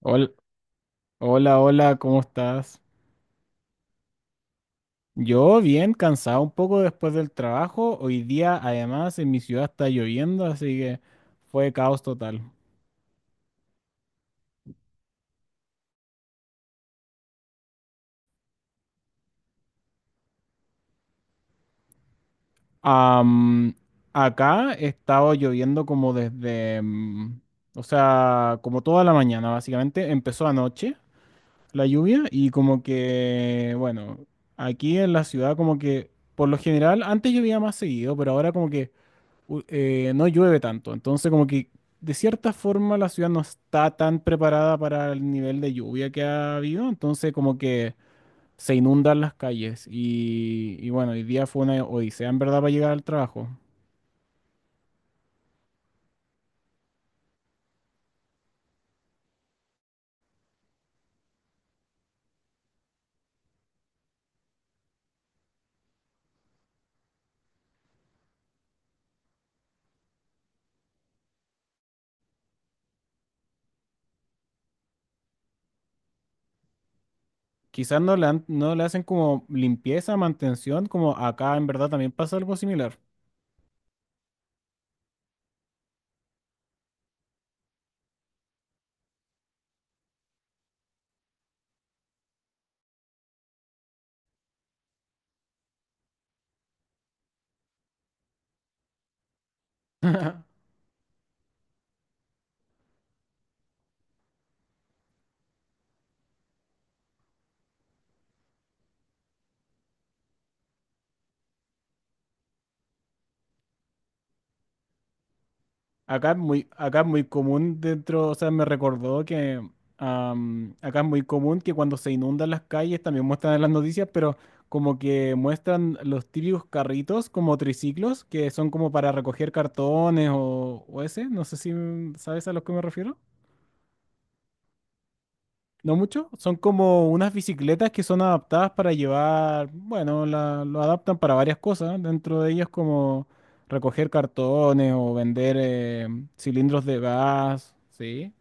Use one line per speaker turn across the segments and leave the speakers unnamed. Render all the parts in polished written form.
Hola, hola, hola, ¿cómo estás? Yo bien, cansado un poco después del trabajo. Hoy día, además, en mi ciudad está lloviendo, así que fue caos total. Am, Acá he estado lloviendo como desde, o sea, como toda la mañana, básicamente. Empezó anoche la lluvia y como que, bueno, aquí en la ciudad como que, por lo general, antes llovía más seguido, pero ahora como que no llueve tanto. Entonces, como que de cierta forma la ciudad no está tan preparada para el nivel de lluvia que ha habido. Entonces, como que se inundan las calles. Y bueno, hoy día fue una odisea en verdad para llegar al trabajo. Quizás no le hacen como limpieza, mantención, como acá en verdad también pasa algo similar. Acá es muy común dentro, o sea, me recordó que acá es muy común que cuando se inundan las calles también muestran en las noticias, pero como que muestran los típicos carritos como triciclos que son como para recoger cartones o ese, no sé si sabes a lo que me refiero. No mucho, son como unas bicicletas que son adaptadas para llevar, bueno, lo adaptan para varias cosas, dentro de ellas como recoger cartones o vender cilindros de gas, ¿sí?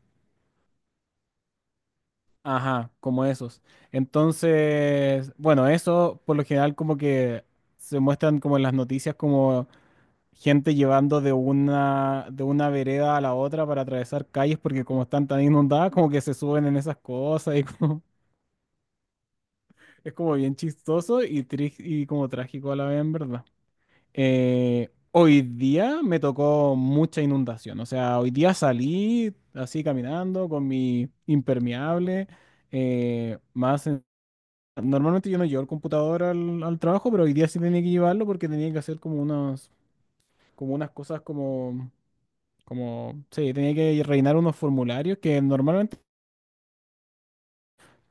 Ajá, como esos. Entonces, bueno, eso por lo general como que se muestran como en las noticias como gente llevando de una vereda a la otra para atravesar calles porque como están tan inundadas como que se suben en esas cosas y como, es como bien chistoso y como trágico a la vez en verdad. Hoy día me tocó mucha inundación, o sea, hoy día salí así caminando con mi impermeable. Eh, más... Normalmente yo no llevo el computador al trabajo, pero hoy día sí tenía que llevarlo porque tenía que hacer como unas cosas como, sí, tenía que rellenar unos formularios que normalmente,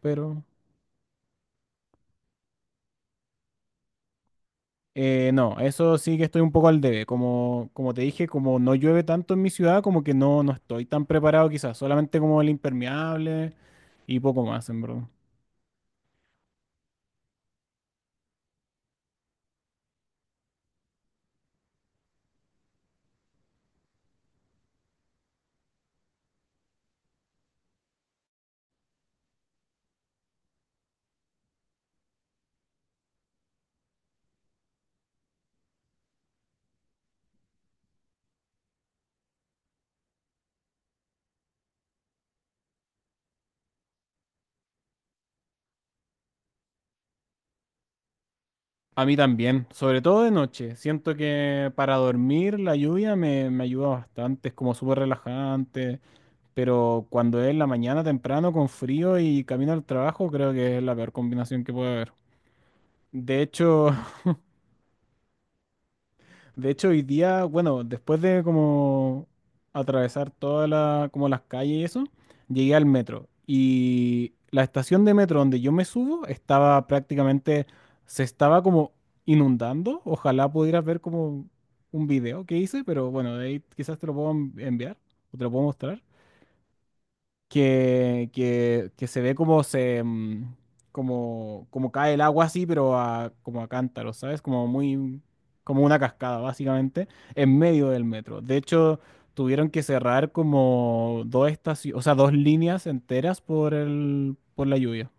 pero no, eso sí que estoy un poco al debe. Como te dije, como no llueve tanto en mi ciudad, como que no estoy tan preparado quizás, solamente como el impermeable y poco más, en verdad. A mí también, sobre todo de noche. Siento que para dormir la lluvia me ayuda bastante, es como súper relajante. Pero cuando es en la mañana temprano con frío y camino al trabajo, creo que es la peor combinación que puede haber. De hecho, de hecho hoy día, bueno, después de como atravesar todas como las calles y eso, llegué al metro. Y la estación de metro donde yo me subo estaba prácticamente, se estaba como inundando. Ojalá pudieras ver como un video que hice, pero bueno, de ahí quizás te lo puedo enviar o te lo puedo mostrar. Que se ve como como cae el agua así, pero como a cántaros, ¿sabes? Como muy como una cascada, básicamente, en medio del metro. De hecho, tuvieron que cerrar como dos estaciones, o sea, dos líneas enteras por la lluvia.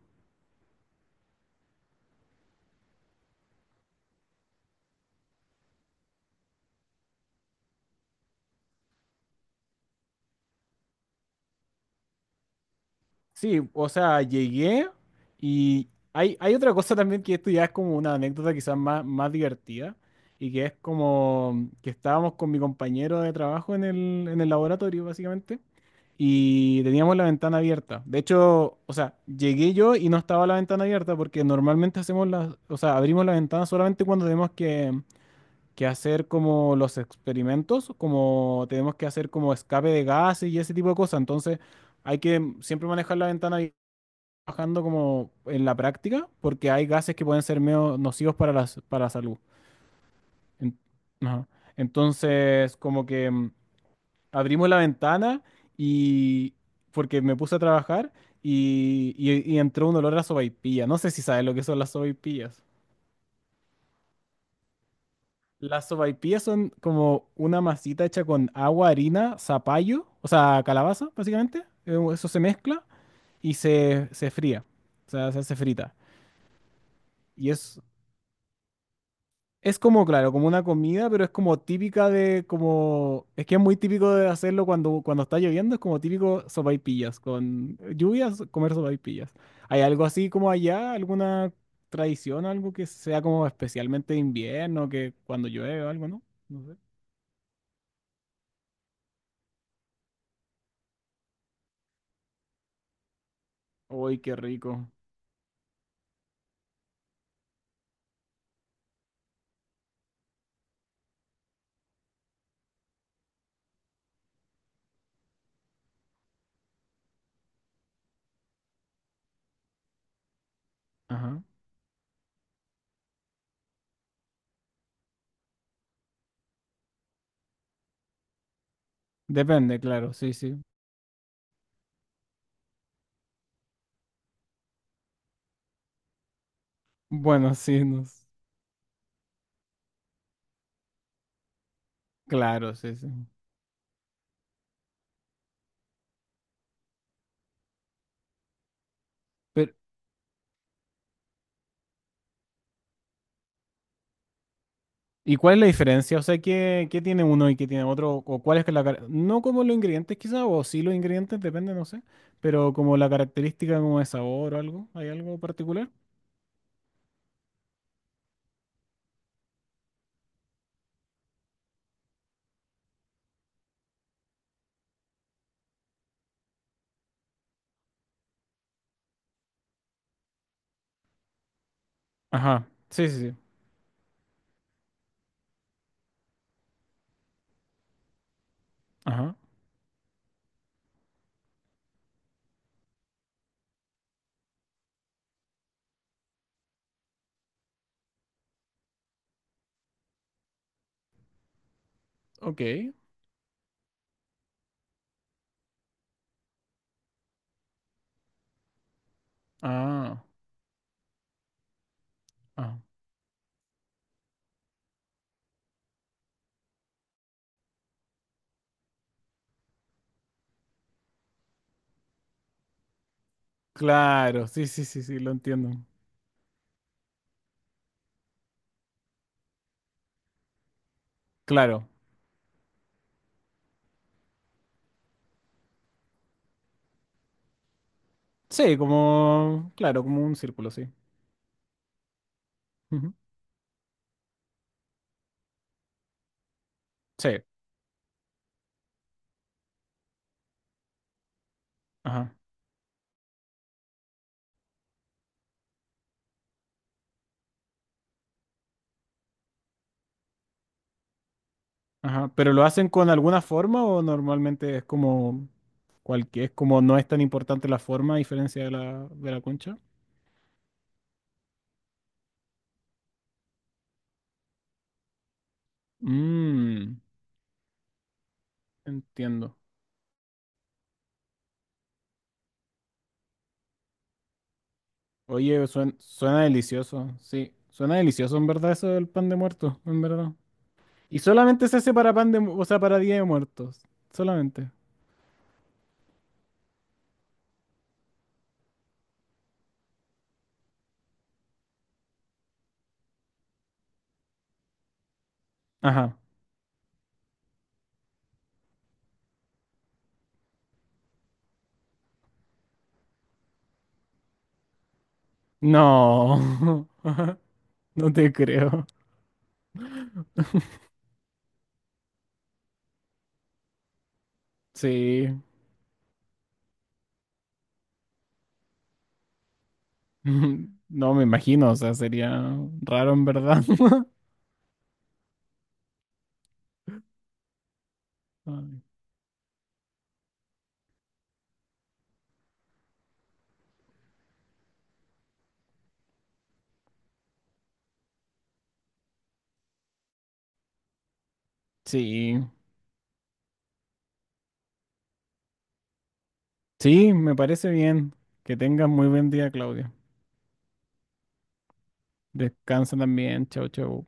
Sí, o sea, llegué y hay otra cosa también que esto ya es como una anécdota quizás más divertida y que es como que estábamos con mi compañero de trabajo en el laboratorio básicamente y teníamos la ventana abierta. De hecho, o sea, llegué yo y no estaba la ventana abierta porque normalmente hacemos o sea, abrimos la ventana solamente cuando tenemos que hacer como los experimentos, como tenemos que hacer como escape de gases y ese tipo de cosas. Entonces, hay que siempre manejar la ventana abierta trabajando como en la práctica, porque hay gases que pueden ser medio nocivos para la salud. En- ajá. Entonces, como que abrimos la ventana y porque me puse a trabajar y entró un olor a sopaipilla. No sé si sabes lo que son las sopaipillas. Las sopaipillas son como una masita hecha con agua, harina, zapallo, o sea, calabaza, básicamente. Eso se mezcla y se fría, o sea, se hace frita. Y es, Es como, claro, como una comida, pero es como típica es que es muy típico de hacerlo cuando, está lloviendo, es como típico sopaipillas, con lluvias, comer sopaipillas. ¿Hay algo así como allá, alguna tradición, algo que sea como especialmente de invierno, que cuando llueve o algo, no? No sé. Uy, qué rico. Ajá. Depende, claro, sí, sí. Bueno, sí, claro, sí, sí. Pero, ¿y cuál es la diferencia? O sea, ¿qué tiene uno y qué tiene otro? ¿O cuál es que no como los ingredientes quizá, o sí los ingredientes, depende, no sé? Pero como la característica como de sabor o algo. ¿Hay algo particular? Ajá. Sí, sí, sí. Ajá. Ok. Ah. Ah. Claro. Sí, sí, sí, sí, lo entiendo. Claro. Sí, como, claro, como un círculo, sí. Ujú. Sí. Ajá. Ajá, pero ¿lo hacen con alguna forma o normalmente es como es como no es tan importante la forma a diferencia de la concha? Mmm, entiendo. Oye, suena, delicioso, sí, suena delicioso en verdad eso del pan de muerto, en verdad. Y solamente se hace para o sea, para Día de Muertos, solamente. Ajá. No, no te creo. Sí, no me imagino, o sea, sería raro en verdad. Ay, sí. Sí, me parece bien. Que tengas muy buen día, Claudia. Descansa también. Chau, chau.